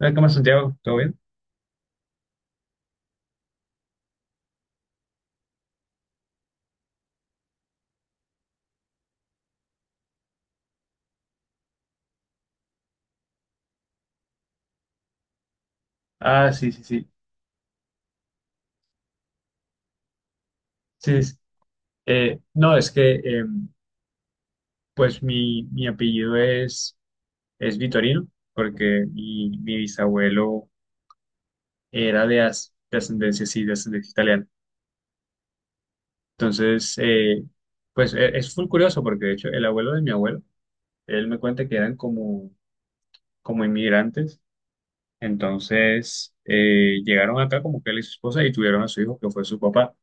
¿Cómo estás, Santiago? ¿Todo bien? Ah, sí, sí, sí. Sí, es- no, es que pues mi apellido es Vitorino, porque mi bisabuelo era de ascendencia, sí, de ascendencia italiana. Entonces, pues es full curioso, porque de hecho el abuelo de mi abuelo, él me cuenta que eran como inmigrantes. Entonces, llegaron acá como que él y su esposa y tuvieron a su hijo, que fue su papá.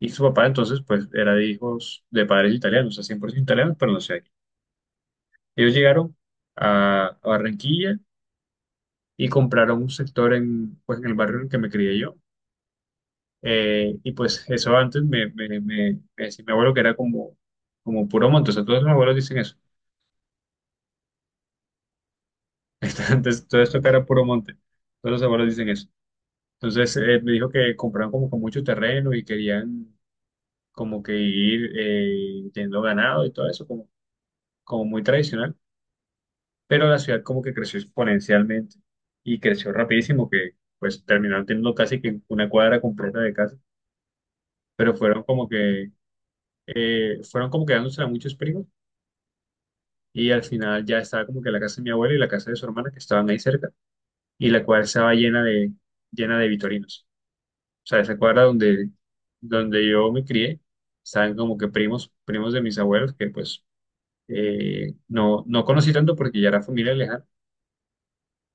Y su papá entonces pues era de hijos de padres italianos, o sea, 100% italianos, pero no sé. Ellos llegaron a Barranquilla y compraron un sector en, pues, en el barrio en el que me crié yo. Y pues eso antes me decía mi abuelo que era como puro monte, o sea, todos los abuelos dicen eso. Antes todo esto que era puro monte, todos los abuelos dicen eso. Entonces me dijo que compraron como con mucho terreno y querían como que ir teniendo ganado y todo eso, como muy tradicional. Pero la ciudad como que creció exponencialmente y creció rapidísimo que pues terminaron teniendo casi que una cuadra completa de casas, pero fueron como que fueron como quedándose a muchos primos, y al final ya estaba como que la casa de mi abuela y la casa de su hermana que estaban ahí cerca y la cuadra estaba llena de vitorinos. O sea, esa cuadra donde yo me crié estaban como que primos primos de mis abuelos que pues no conocí tanto porque ya era familia lejana,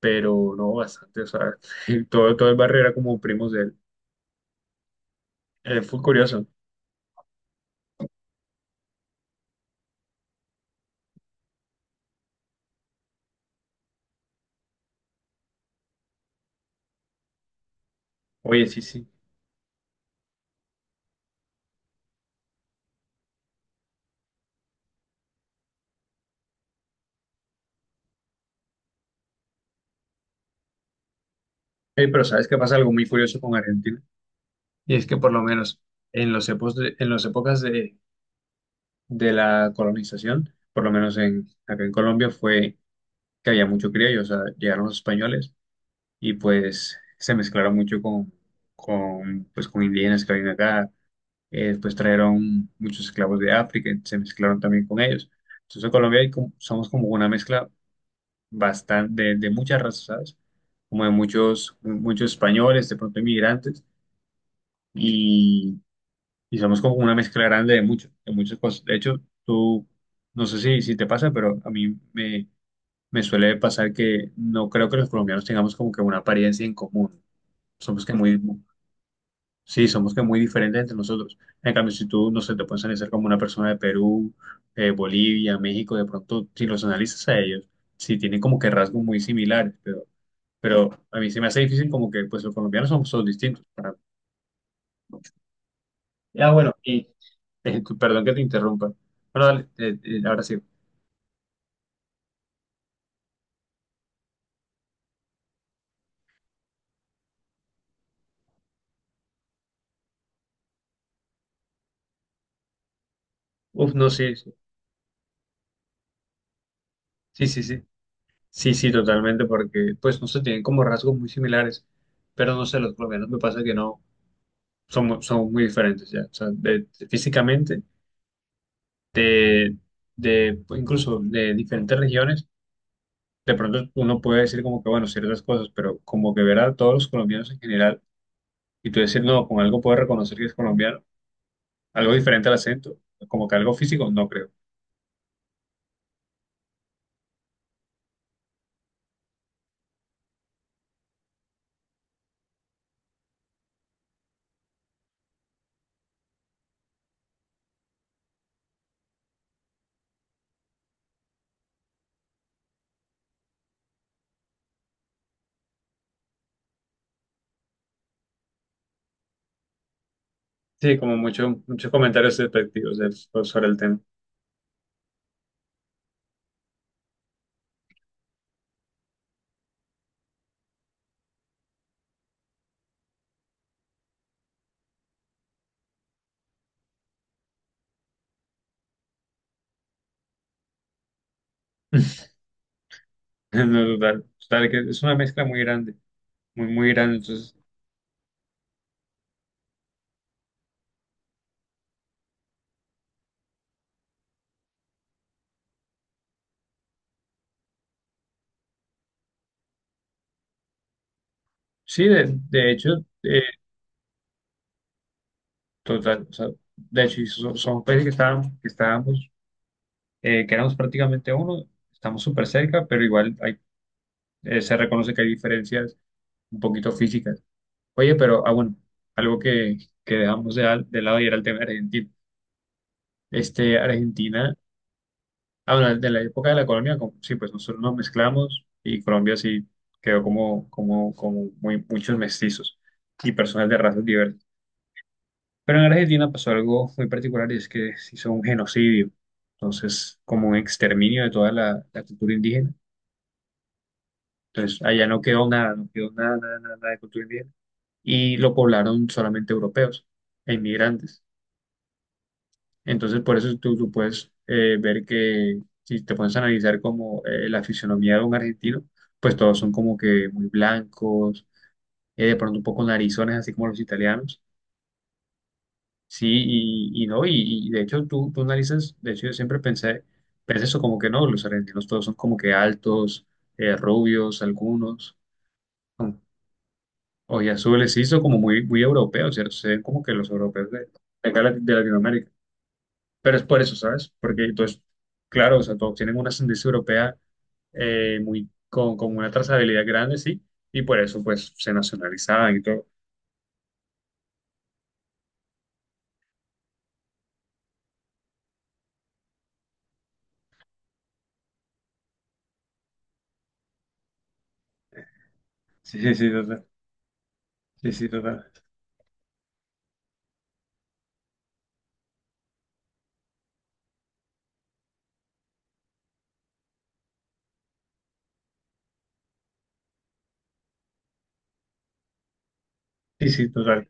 pero no bastante, o sea, todo el barrio era como primos de él. Fue curioso. Oye, sí, sí. Pero ¿sabes qué pasa? Algo muy curioso con Argentina. Y es que por lo menos en las épocas de la colonización, por lo menos acá en Colombia, fue que había mucho criollo, o sea, llegaron los españoles y pues se mezclaron mucho con indígenas que habían acá. Después trajeron muchos esclavos de África, se mezclaron también con ellos. Entonces, en Colombia somos como una mezcla bastante, de muchas razas, ¿sabes? Como de muchos españoles, de pronto inmigrantes, y, y somos como una mezcla grande de mucho, de muchas cosas. De hecho, tú, no sé si, si te pasa, pero me suele pasar que no creo que los colombianos tengamos como que una apariencia en común. Somos que muy, sí, somos que muy diferentes entre nosotros. En cambio, si tú, no sé, te puedes analizar como una persona de Perú, Bolivia, México, de pronto, si los analizas a ellos, sí tienen como que rasgos muy similares, pero a mí se me hace difícil como que pues los colombianos somos todos distintos. Ya, bueno, y perdón que te interrumpa. Bueno, dale, ahora sí. Uf, no, sí, sí, sí, sí, sí, sí, sí, totalmente, porque pues no sé, tienen como rasgos muy similares, pero no sé, los colombianos me pasa que no, son muy diferentes ya, o sea, físicamente, de, de, pues, incluso de diferentes regiones, de pronto uno puede decir como que, bueno, ciertas cosas, pero como que ver a todos los colombianos en general y tú decir, no, con algo puedes reconocer que es colombiano. Algo diferente al acento, como que algo físico, no creo. Sí, como muchos comentarios despectivos sobre el tema. No, total, total, que es una mezcla muy grande, muy grande. Entonces, sí, de hecho, eh, total, o sea, de hecho, y son países que estábamos, que éramos prácticamente uno, estamos súper cerca, pero igual hay, se reconoce que hay diferencias un poquito físicas. Oye, pero, ah, bueno, algo que, que dejamos de lado y era el tema de Argentina. Este, Argentina. Ah, bueno, de la época de la colonia, sí, pues nosotros nos mezclamos y Colombia sí quedó como muy, muchos mestizos y personas de razas diversas. Pero en Argentina pasó algo muy particular y es que se hizo un genocidio, entonces como un exterminio de toda la cultura indígena. Entonces allá no quedó nada, no quedó nada, nada, nada nada de cultura indígena y lo poblaron solamente europeos e inmigrantes. Entonces, por eso tú puedes ver que si te pones a analizar como la fisionomía de un argentino, pues todos son como que muy blancos, de pronto un poco narizones, así como los italianos. Sí, y no, y de hecho tú analizas, de hecho yo siempre pensé eso como que no, los argentinos todos son como que altos, rubios, algunos, con ojiazules, sí, son como muy europeos, ¿cierto? Se ven como que los europeos de acá de Latinoamérica. Pero es por eso, ¿sabes? Porque entonces, claro, o sea, todos tienen una ascendencia europea con una trazabilidad grande, sí, y por eso pues se nacionalizaban y todo. Sí, sí, sí, total. Sí, sí, total. Sí, sí, total.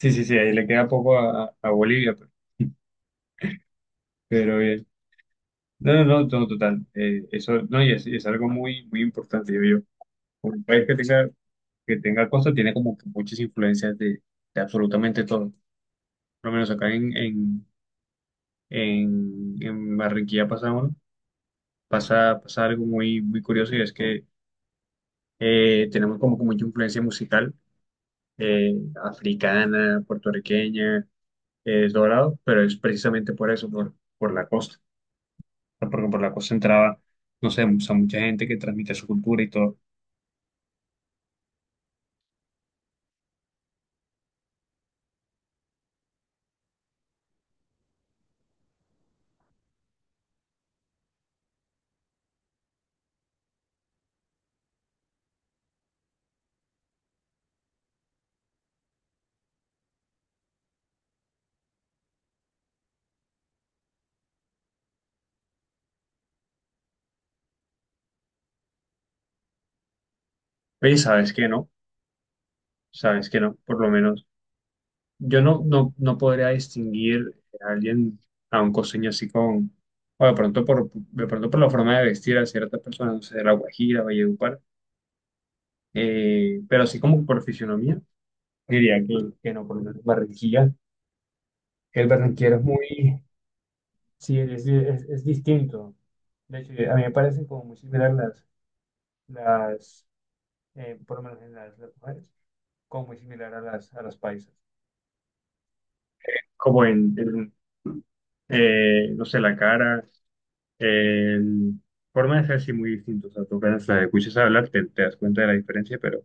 Sí, sí, sí, ahí le queda poco a Bolivia, pero bien. No, no, no, no, total. Eso, no, y es algo muy, muy importante, yo digo. Un país que tenga costa tiene como que muchas influencias de absolutamente todo. Por lo menos acá en Barranquilla pasa algo muy, muy curioso y es que tenemos como que mucha influencia musical eh, africana, puertorriqueña, dorado, pero es precisamente por eso, por la costa. O sea, porque por la costa entraba, no sé, o sea, mucha gente que transmite su cultura y todo. Oye, ¿sabes que no? ¿Sabes que no? Por lo menos yo no podría distinguir a alguien, a un costeño así con, o de pronto de pronto por la forma de vestir a ciertas personas, no sé, de La Guajira, Valledupar. Pero así como por fisionomía, diría que no, por lo Barranquilla. El barranquillero es muy, sí, es distinto. De hecho, a mí me parecen como muy similar las por lo menos en las mujeres, como muy similar a a las paisas. Como no sé, la cara, el forma de ser sí muy distinto. O sea, tú apenas la escuchas hablar, te das cuenta de la diferencia, pero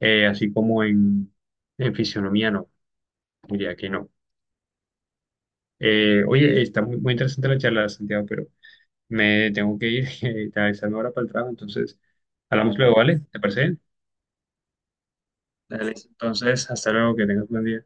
eh, así como en, en fisionomía, no, diría que no. Oye, está muy, muy interesante la charla, Santiago, pero me tengo que ir realizando ahora para el trabajo, entonces hablamos luego, ¿vale? ¿Te parece bien? Dale, entonces, hasta luego, que tengas un buen día.